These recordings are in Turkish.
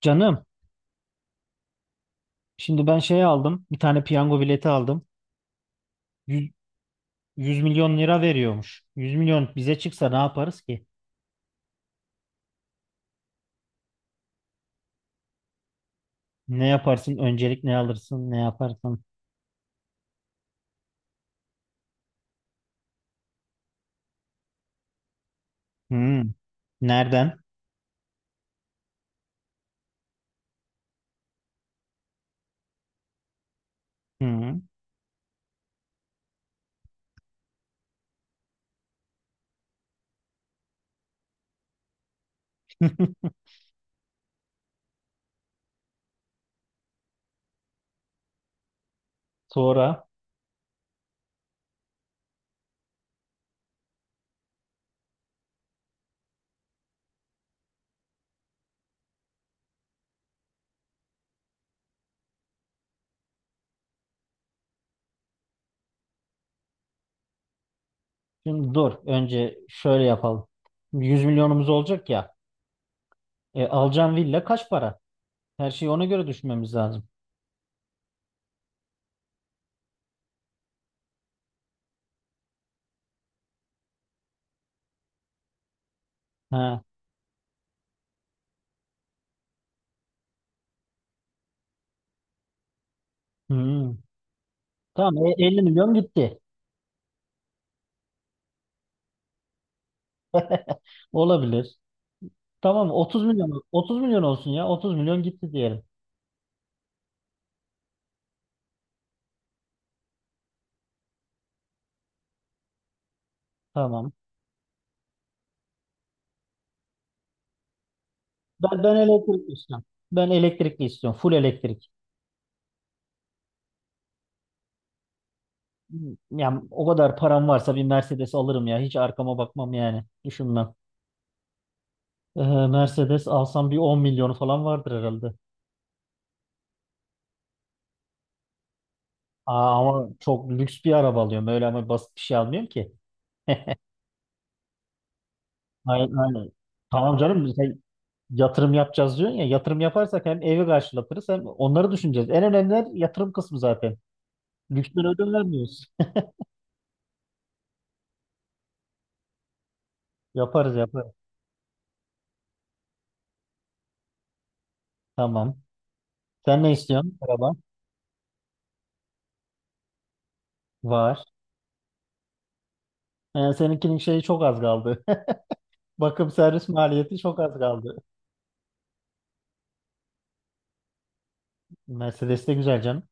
Canım, şimdi ben şey aldım. Bir tane piyango bileti aldım. 100 milyon lira veriyormuş. 100 milyon bize çıksa ne yaparız ki? Ne yaparsın? Öncelik ne alırsın? Ne yaparsın? Hmm. Nereden? Hmm. Sonra şimdi dur. Önce şöyle yapalım. 100 milyonumuz olacak ya. Alacağın villa kaç para? Her şeyi ona göre düşünmemiz lazım. Ha. Hmm. Tamam, 50 milyon gitti. Olabilir. Tamam. 30 milyon, 30 milyon olsun ya. 30 milyon gitti diyelim. Tamam. Ben elektrikli istiyorum. Ben elektrikli istiyorum. Full elektrik. Yani o kadar param varsa bir Mercedes alırım ya. Hiç arkama bakmam yani. Düşünmem. Ee, Mercedes alsam bir 10 milyonu falan vardır herhalde. Aa, ama çok lüks bir araba alıyorum. Öyle ama basit bir şey almıyorum ki. Aynen, aynen. Tamam canım, sen yatırım yapacağız diyorsun ya. Yatırım yaparsak hem evi karşılatırız hem onları düşüneceğiz. En önemli yatırım kısmı zaten. Lüksten ödün vermiyoruz. Yaparız, yaparız. Tamam. Sen ne istiyorsun? Araba var. Yani seninkinin şeyi çok az kaldı. Bakım servis maliyeti çok az kaldı. Mercedes de güzel canım.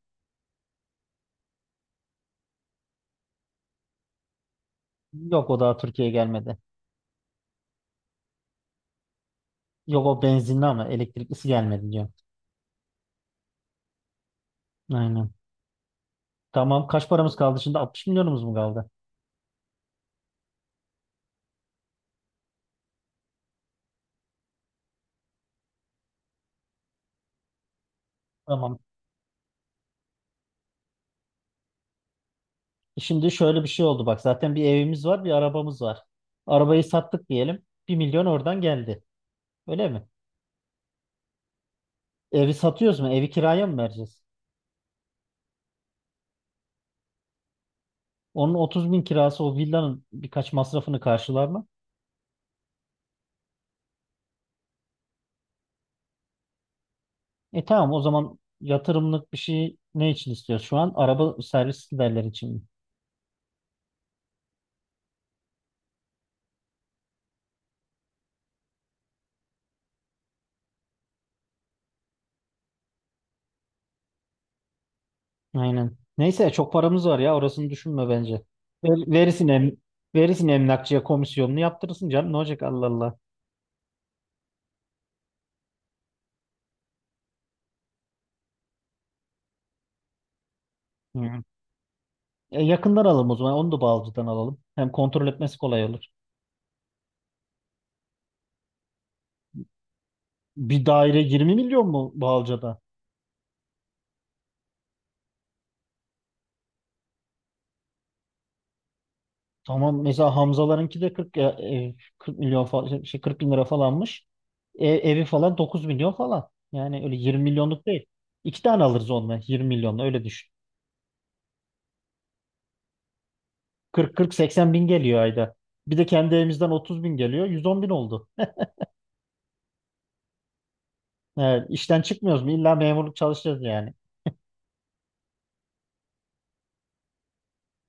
Yok, o daha Türkiye'ye gelmedi. Yok, o benzinli ama elektriklisi gelmedi diyor. Aynen. Tamam, kaç paramız kaldı şimdi? 60 milyonumuz mu kaldı? Tamam. Şimdi şöyle bir şey oldu bak. Zaten bir evimiz var, bir arabamız var. Arabayı sattık diyelim. 1 milyon oradan geldi. Öyle mi? Evi satıyoruz mu? Evi kiraya mı vereceğiz? Onun 30 bin kirası o villanın birkaç masrafını karşılar mı? Tamam, o zaman yatırımlık bir şey ne için istiyoruz şu an? Araba servis giderleri için mi? Aynen. Neyse, çok paramız var ya, orasını düşünme bence. Ver- verirsin em verirsin emlakçıya komisyonunu yaptırırsın canım, ne olacak, Allah Allah. Hı. Yakından alalım o zaman, onu da Bağlıca'dan alalım. Hem kontrol etmesi kolay olur. Bir daire 20 milyon mu Bağlıca'da? Tamam, mesela Hamzalarınki de 40 40 milyon falan, şey, 40 bin lira falanmış. Evi falan 9 milyon falan. Yani öyle 20 milyonluk değil. İki tane alırız onunla, 20 milyonla öyle düşün. 40-40-80 bin geliyor ayda. Bir de kendi evimizden 30 bin geliyor. 110 bin oldu. Evet, işten çıkmıyoruz mu? İlla memurluk çalışacağız yani.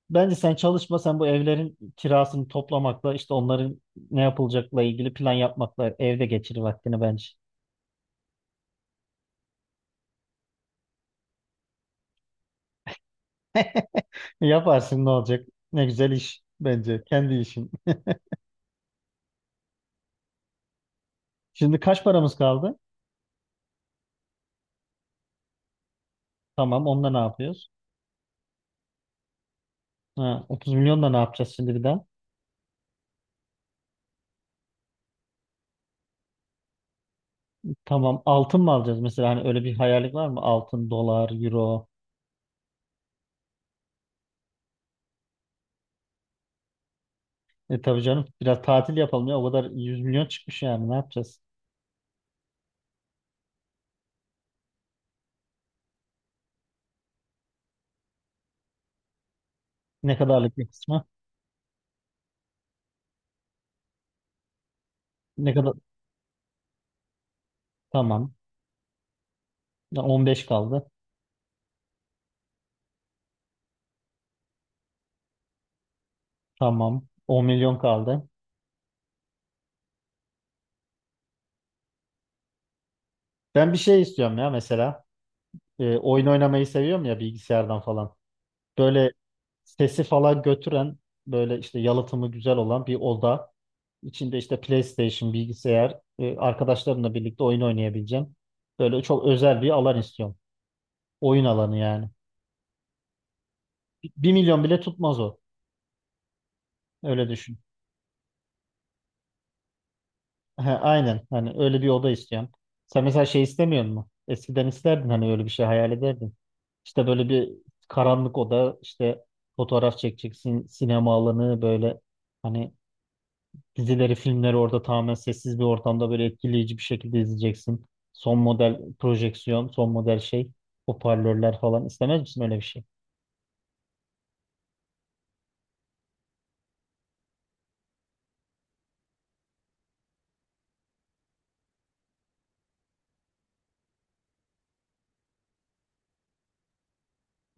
Bence sen çalışma, sen bu evlerin kirasını toplamakla, işte onların ne yapılacakla ilgili plan yapmakla evde geçir vaktini bence. Yaparsın, ne olacak? Ne güzel iş bence. Kendi işin. Şimdi kaç paramız kaldı? Tamam, onunla ne yapıyoruz? Ha, 30 milyonla ne yapacağız şimdi bir daha? Tamam, altın mı alacağız? Mesela hani öyle bir hayallik var mı? Altın, dolar, euro. Tabii canım, biraz tatil yapalım ya. O kadar 100 milyon çıkmış, yani ne yapacağız? Ne kadarlık bir kısmı? Ne kadar? Tamam. Ya 15 kaldı. Tamam. 10 milyon kaldı. Ben bir şey istiyorum ya mesela. Oyun oynamayı seviyorum ya bilgisayardan falan. Böyle sesi falan götüren, böyle işte yalıtımı güzel olan bir oda. İçinde işte PlayStation, bilgisayar, arkadaşlarımla birlikte oyun oynayabileceğim. Böyle çok özel bir alan istiyorum. Oyun alanı yani. Bir milyon bile tutmaz o. Öyle düşün. Ha, aynen. Hani öyle bir oda istiyorum. Sen mesela şey istemiyor musun? Eskiden isterdin, hani öyle bir şey hayal ederdin. İşte böyle bir karanlık oda, işte fotoğraf çekeceksin, sinema alanı böyle, hani dizileri, filmleri orada tamamen sessiz bir ortamda böyle etkileyici bir şekilde izleyeceksin. Son model projeksiyon, son model şey, hoparlörler falan. İstemez misin öyle bir şey?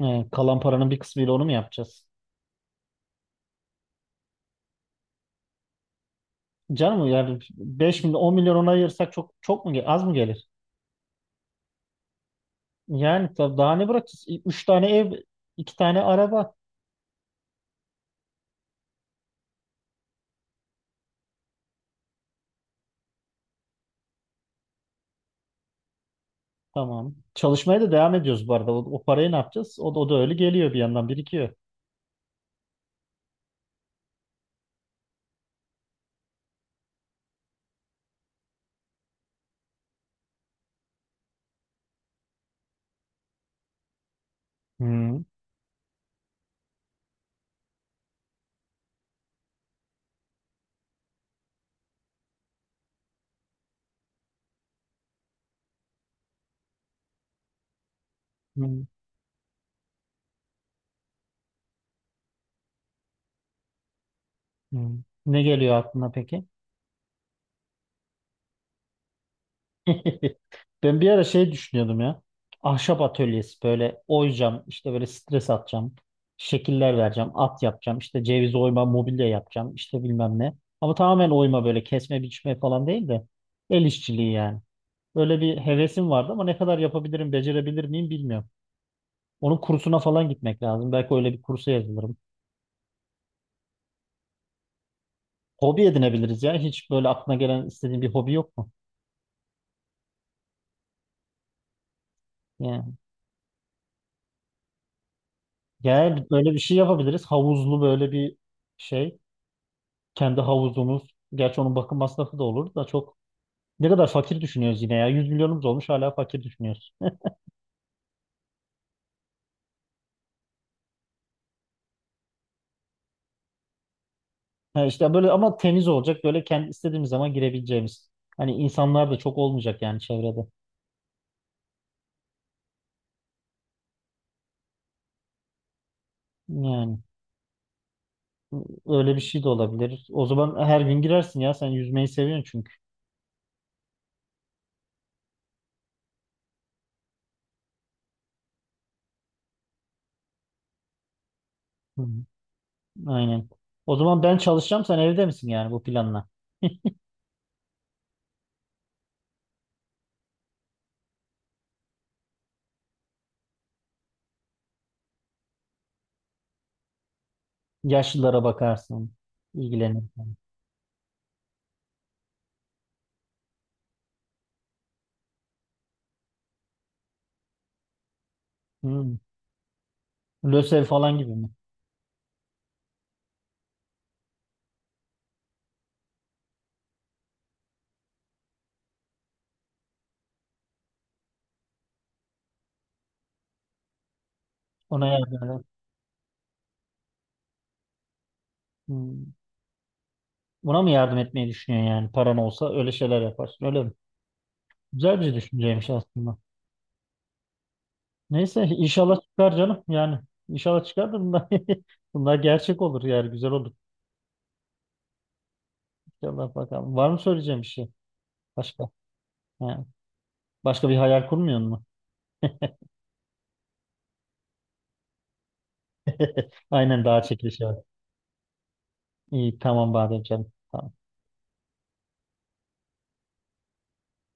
Kalan paranın bir kısmıyla onu mu yapacağız? Canım yani 5 milyon, 10 milyon ona ayırsak çok çok mu az mı gelir? Yani daha ne bırakacağız? 3 tane ev, 2 tane araba. Tamam. Çalışmaya da devam ediyoruz bu arada. O parayı ne yapacağız? O da öyle geliyor, bir yandan birikiyor. Hmm. Hmm. Hmm. Ne geliyor aklına peki? Ben bir ara şey düşünüyordum ya. Ahşap atölyesi, böyle oyacağım, işte böyle stres atacağım, şekiller vereceğim, at yapacağım, işte ceviz oyma, mobilya yapacağım, işte bilmem ne. Ama tamamen oyma böyle kesme biçme falan değil de el işçiliği yani. Böyle bir hevesim vardı ama ne kadar yapabilirim, becerebilir miyim bilmiyorum. Onun kursuna falan gitmek lazım. Belki öyle bir kursa yazılırım. Hobi edinebiliriz ya. Hiç böyle aklına gelen istediğin bir hobi yok mu? Yani, yani böyle bir şey yapabiliriz. Havuzlu böyle bir şey. Kendi havuzumuz. Gerçi onun bakım masrafı da olur da çok, ne kadar fakir düşünüyoruz yine ya. Yüz milyonumuz olmuş hala fakir düşünüyoruz. Ha, işte böyle, ama temiz olacak. Böyle kendi istediğimiz zaman girebileceğimiz. Hani insanlar da çok olmayacak yani çevrede. Yani öyle bir şey de olabilir. O zaman her gün girersin ya. Sen yüzmeyi seviyorsun çünkü. Hı hı. Aynen. O zaman ben çalışacağım. Sen evde misin yani bu planla? Yaşlılara bakarsın, ilgilenirsin. Hı. Lösev falan gibi mi? Ona yardım eder. Hı. Buna mı yardım etmeyi düşünüyorsun yani, paran olsa öyle şeyler yaparsın öyle mi? Güzel bir düşünceymiş aslında. Neyse inşallah çıkar canım, yani inşallah çıkar da bunlar, bunlar gerçek olur, yani güzel olur. İnşallah bakalım. Var mı söyleyeceğim bir şey başka? Ha, başka bir hayal kurmuyor mu? Aynen, daha çekiliş var. İyi, tamam Badem canım. Tamam.